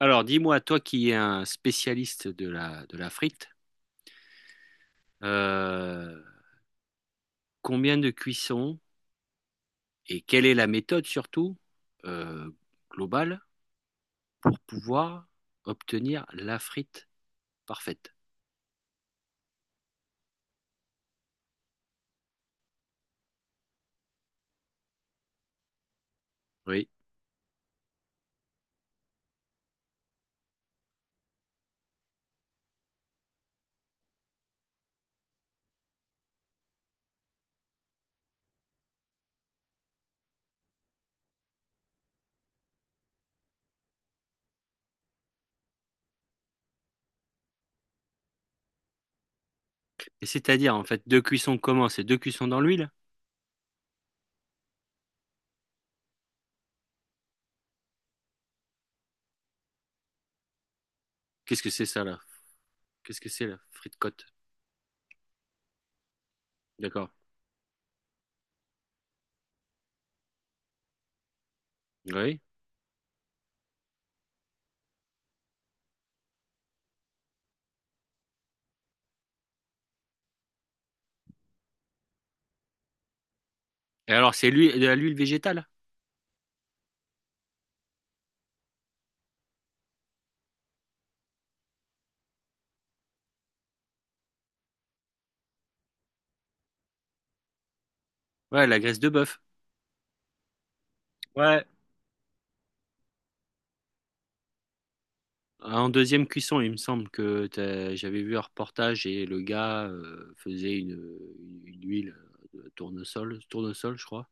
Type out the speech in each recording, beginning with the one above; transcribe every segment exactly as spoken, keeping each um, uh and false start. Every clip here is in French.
Alors, dis-moi, toi qui es un spécialiste de la, de la frite, euh, combien de cuissons et quelle est la méthode surtout euh, globale pour pouvoir obtenir la frite parfaite? Oui. Et c'est-à-dire, en fait, deux cuissons comment? C'est deux cuissons dans l'huile? Qu'est-ce que c'est ça, là? Qu'est-ce que c'est la frite côte? D'accord. Oui. Et alors, c'est l'huile, de l'huile végétale? Ouais, la graisse de bœuf. Ouais. En deuxième cuisson, il me semble que t'as- j'avais vu un reportage et le gars euh, faisait une, une huile euh, de tournesol, tournesol, je crois.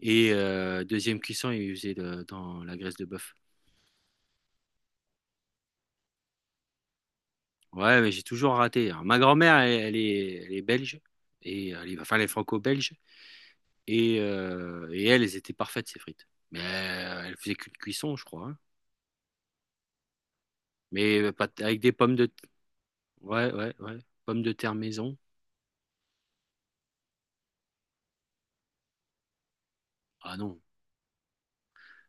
Et euh, deuxième cuisson, il faisait de- dans la graisse de bœuf. Ouais, mais j'ai toujours raté. Alors, ma grand-mère, elle, elle est, elle est belge, et, elle est- enfin, elle est franco-belge, et, euh, et elle, elles étaient parfaites, ces frites. Mais euh, elle faisait qu'une cuisson, je crois, hein. Mais euh, pas, avec des pommes de... Ouais, ouais, ouais. Pommes de terre maison. Ah non.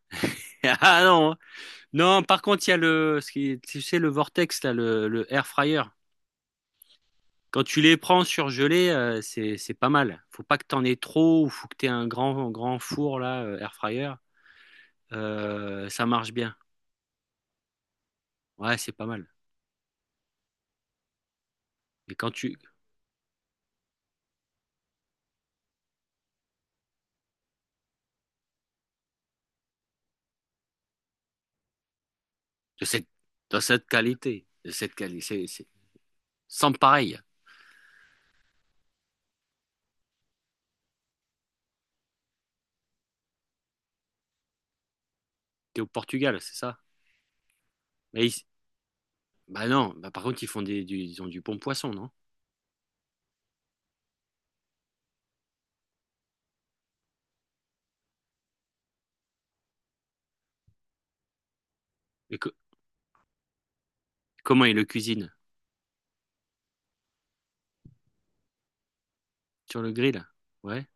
Ah non, hein. Non, par contre, il y a le, ce qui- tu sais, le vortex, là, le, le air fryer. Quand tu les prends surgelés, euh, c'est, c'est pas mal. Faut pas que t'en aies trop ou faut que t'aies un grand, grand four, là, euh, air fryer. Euh, ça marche bien. Ouais, c'est pas mal. Mais quand tu, de cette, dans cette qualité, de cette qualité, c'est, c'est sans pareil. T'es au Portugal, c'est ça? Mais ils- bah non, bah par contre, ils font des, du, ils ont du bon poisson, non? Et co- comment ils le cuisinent? Sur le grill? Ouais.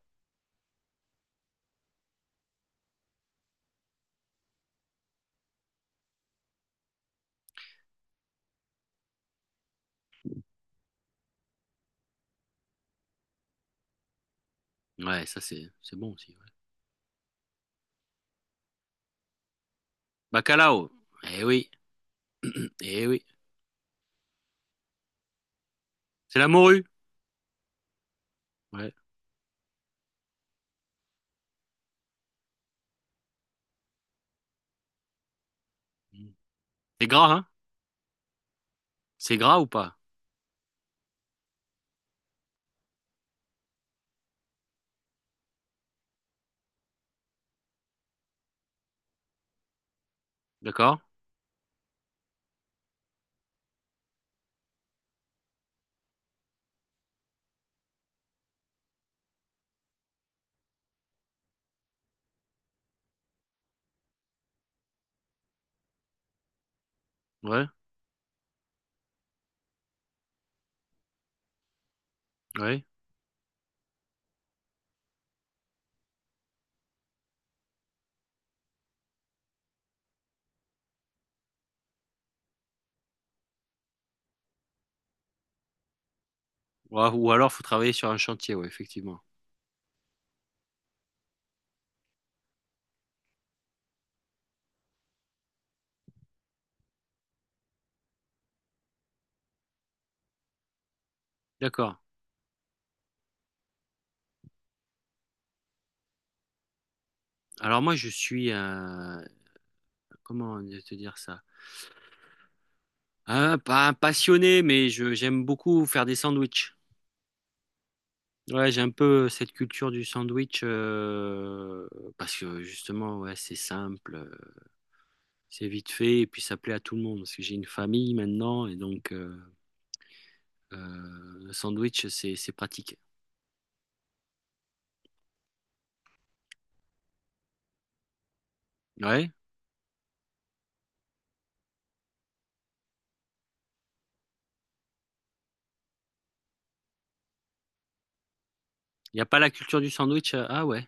Ouais, ça, c'est, c'est bon aussi, ouais. Bacalao. Eh oui. Eh oui. C'est la morue. Ouais. C'est gras, hein? C'est gras ou pas? D'accord? Ouais, ouais. Ou a- ou alors, faut travailler sur un chantier, ouais, effectivement. D'accord. Alors moi, je suis, euh, comment te dire ça? Un- pas un passionné, mais je, j'aime beaucoup faire des sandwichs. Ouais, j'ai un peu cette culture du sandwich euh, parce que justement, ouais, c'est simple, euh, c'est vite fait et puis ça plaît à tout le monde parce que j'ai une famille maintenant et donc euh, euh, un sandwich, c'est c'est pratique. Ouais. Il n'y a pas la culture du sandwich. euh, Ah ouais,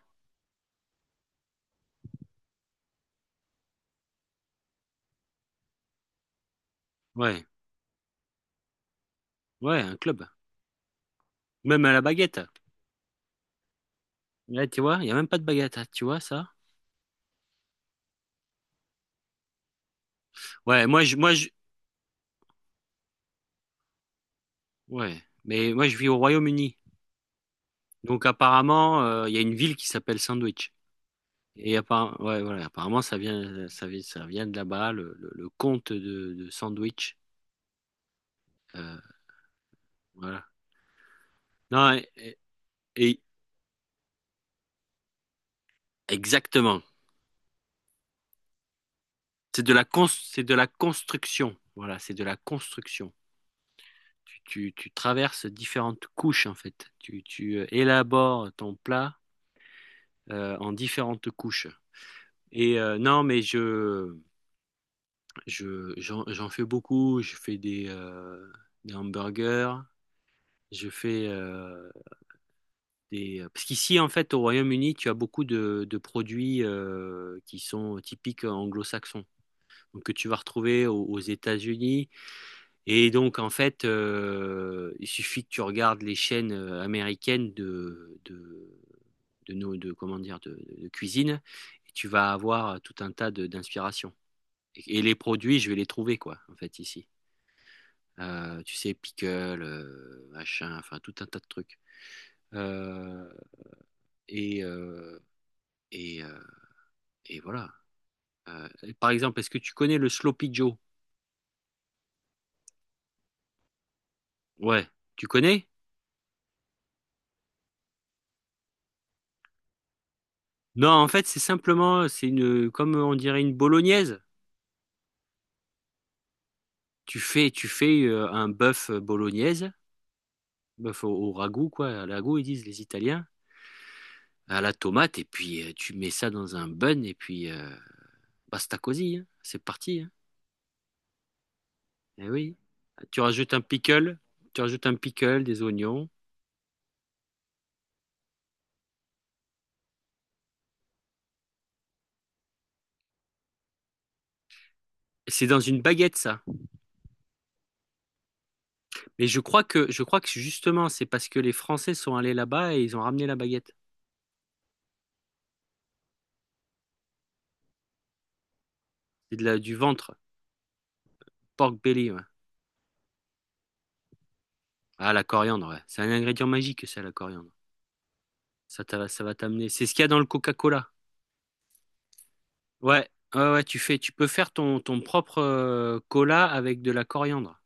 ouais, ouais, un club. Même à la baguette. Là, tu vois, il n'y a même pas de baguette, hein, tu vois ça? Ouais, moi, je, moi, je, ouais, mais moi, je vis au Royaume-Uni. Donc, apparemment, euh, il y a une ville qui s'appelle Sandwich. Et apparemment, ouais, voilà, apparemment, ça vient, ça vient, ça vient de là-bas, le, le, le comte de, de Sandwich. Euh, voilà. Non, et, et- exactement. C'est de la cons- c'est de la construction. Voilà, c'est de la construction. tu, tu- tu traverses différentes couches en fait. Tu, tu, euh, élabores ton plat euh, en différentes couches. Et euh, non, mais je, je, j'en, j'en fais beaucoup. Je fais des, euh, des hamburgers. Je fais euh, des... euh, parce qu'ici, en fait, au Royaume-Uni, tu as beaucoup de, de produits euh, qui sont typiques anglo-saxons. Donc, que tu vas retrouver aux, aux États-Unis. Et donc, en fait, euh, il suffit que tu regardes les chaînes euh, américaines de, de, de, nos- de- comment dire, de, de cuisine, et tu vas avoir tout un tas de- d'inspirations. Et, et les produits, je vais les trouver, quoi, en fait, ici. Euh, tu sais, pickle, euh, machin, enfin, tout un tas de trucs. Euh, et, euh, et, euh, et voilà. Euh, par exemple, est-ce que tu connais le Sloppy Joe? Ouais, tu connais? Non, en fait, c'est simplement, c'est une, comme on dirait une bolognaise. tu fais, tu fais euh, un bœuf euh, bolognaise, bœuf au, au ragoût, quoi, à la ragoût, ils disent les Italiens, à la tomate, et puis euh, tu mets ça dans un bun, et puis euh, basta così, hein, c'est parti, hein. Eh oui. Tu rajoutes un pickle, tu rajoutes un pickle, des oignons. C'est dans une baguette, ça. Mais je crois que, je crois que justement, c'est parce que les Français sont allés là-bas et ils ont ramené la baguette. C'est de la, du ventre, pork belly, ouais. Ah, la coriandre, ouais. C'est un ingrédient magique, ça, la coriandre. Ça, t'a- ça va t'amener. C'est ce qu'il y a dans le Coca-Cola. Ouais, ouais, ouais, tu fais, tu peux faire ton, ton propre euh, cola avec de la coriandre.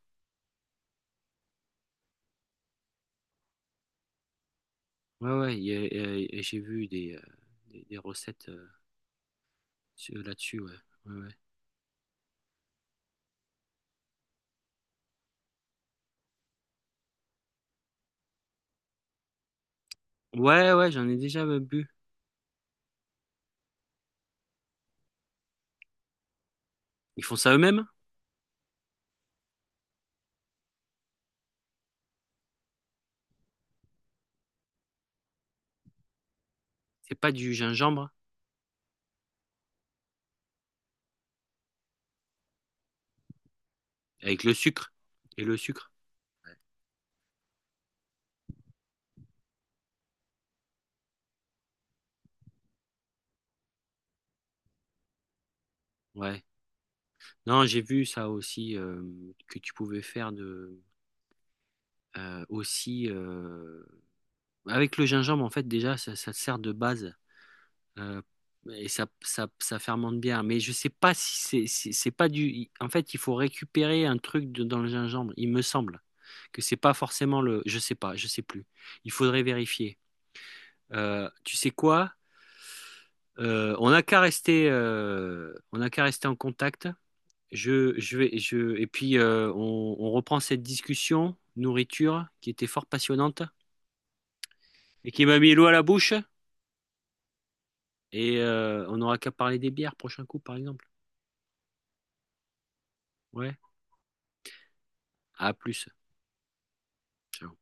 Ouais, ouais, y a- y a- j'ai vu des, euh, des, des recettes euh, sur- là-dessus, ouais. Ouais, ouais. Ouais, ouais, j'en ai déjà euh, bu. Ils font ça eux-mêmes. C'est pas du gingembre avec le sucre et le sucre. Ouais. Non, j'ai vu ça aussi euh, que tu pouvais faire de euh, aussi euh, avec le gingembre en fait déjà ça, ça te sert de base. Euh, et ça, ça, ça fermente bien. Mais je sais pas si c'est, c'est c'est pas du. En fait, il faut récupérer un truc de- dans le gingembre. Il me semble que c'est pas forcément le. Je sais pas, je sais plus. Il faudrait vérifier. Euh, tu sais quoi? Euh, on n'a qu'à rester, euh, on n'a qu'à rester en contact. Je, je vais, je, et puis euh, on, on reprend cette discussion nourriture qui était fort passionnante et qui m'a mis l'eau à la bouche. Et euh, on n'aura qu'à parler des bières prochain coup, par exemple. Ouais. À plus. Ciao.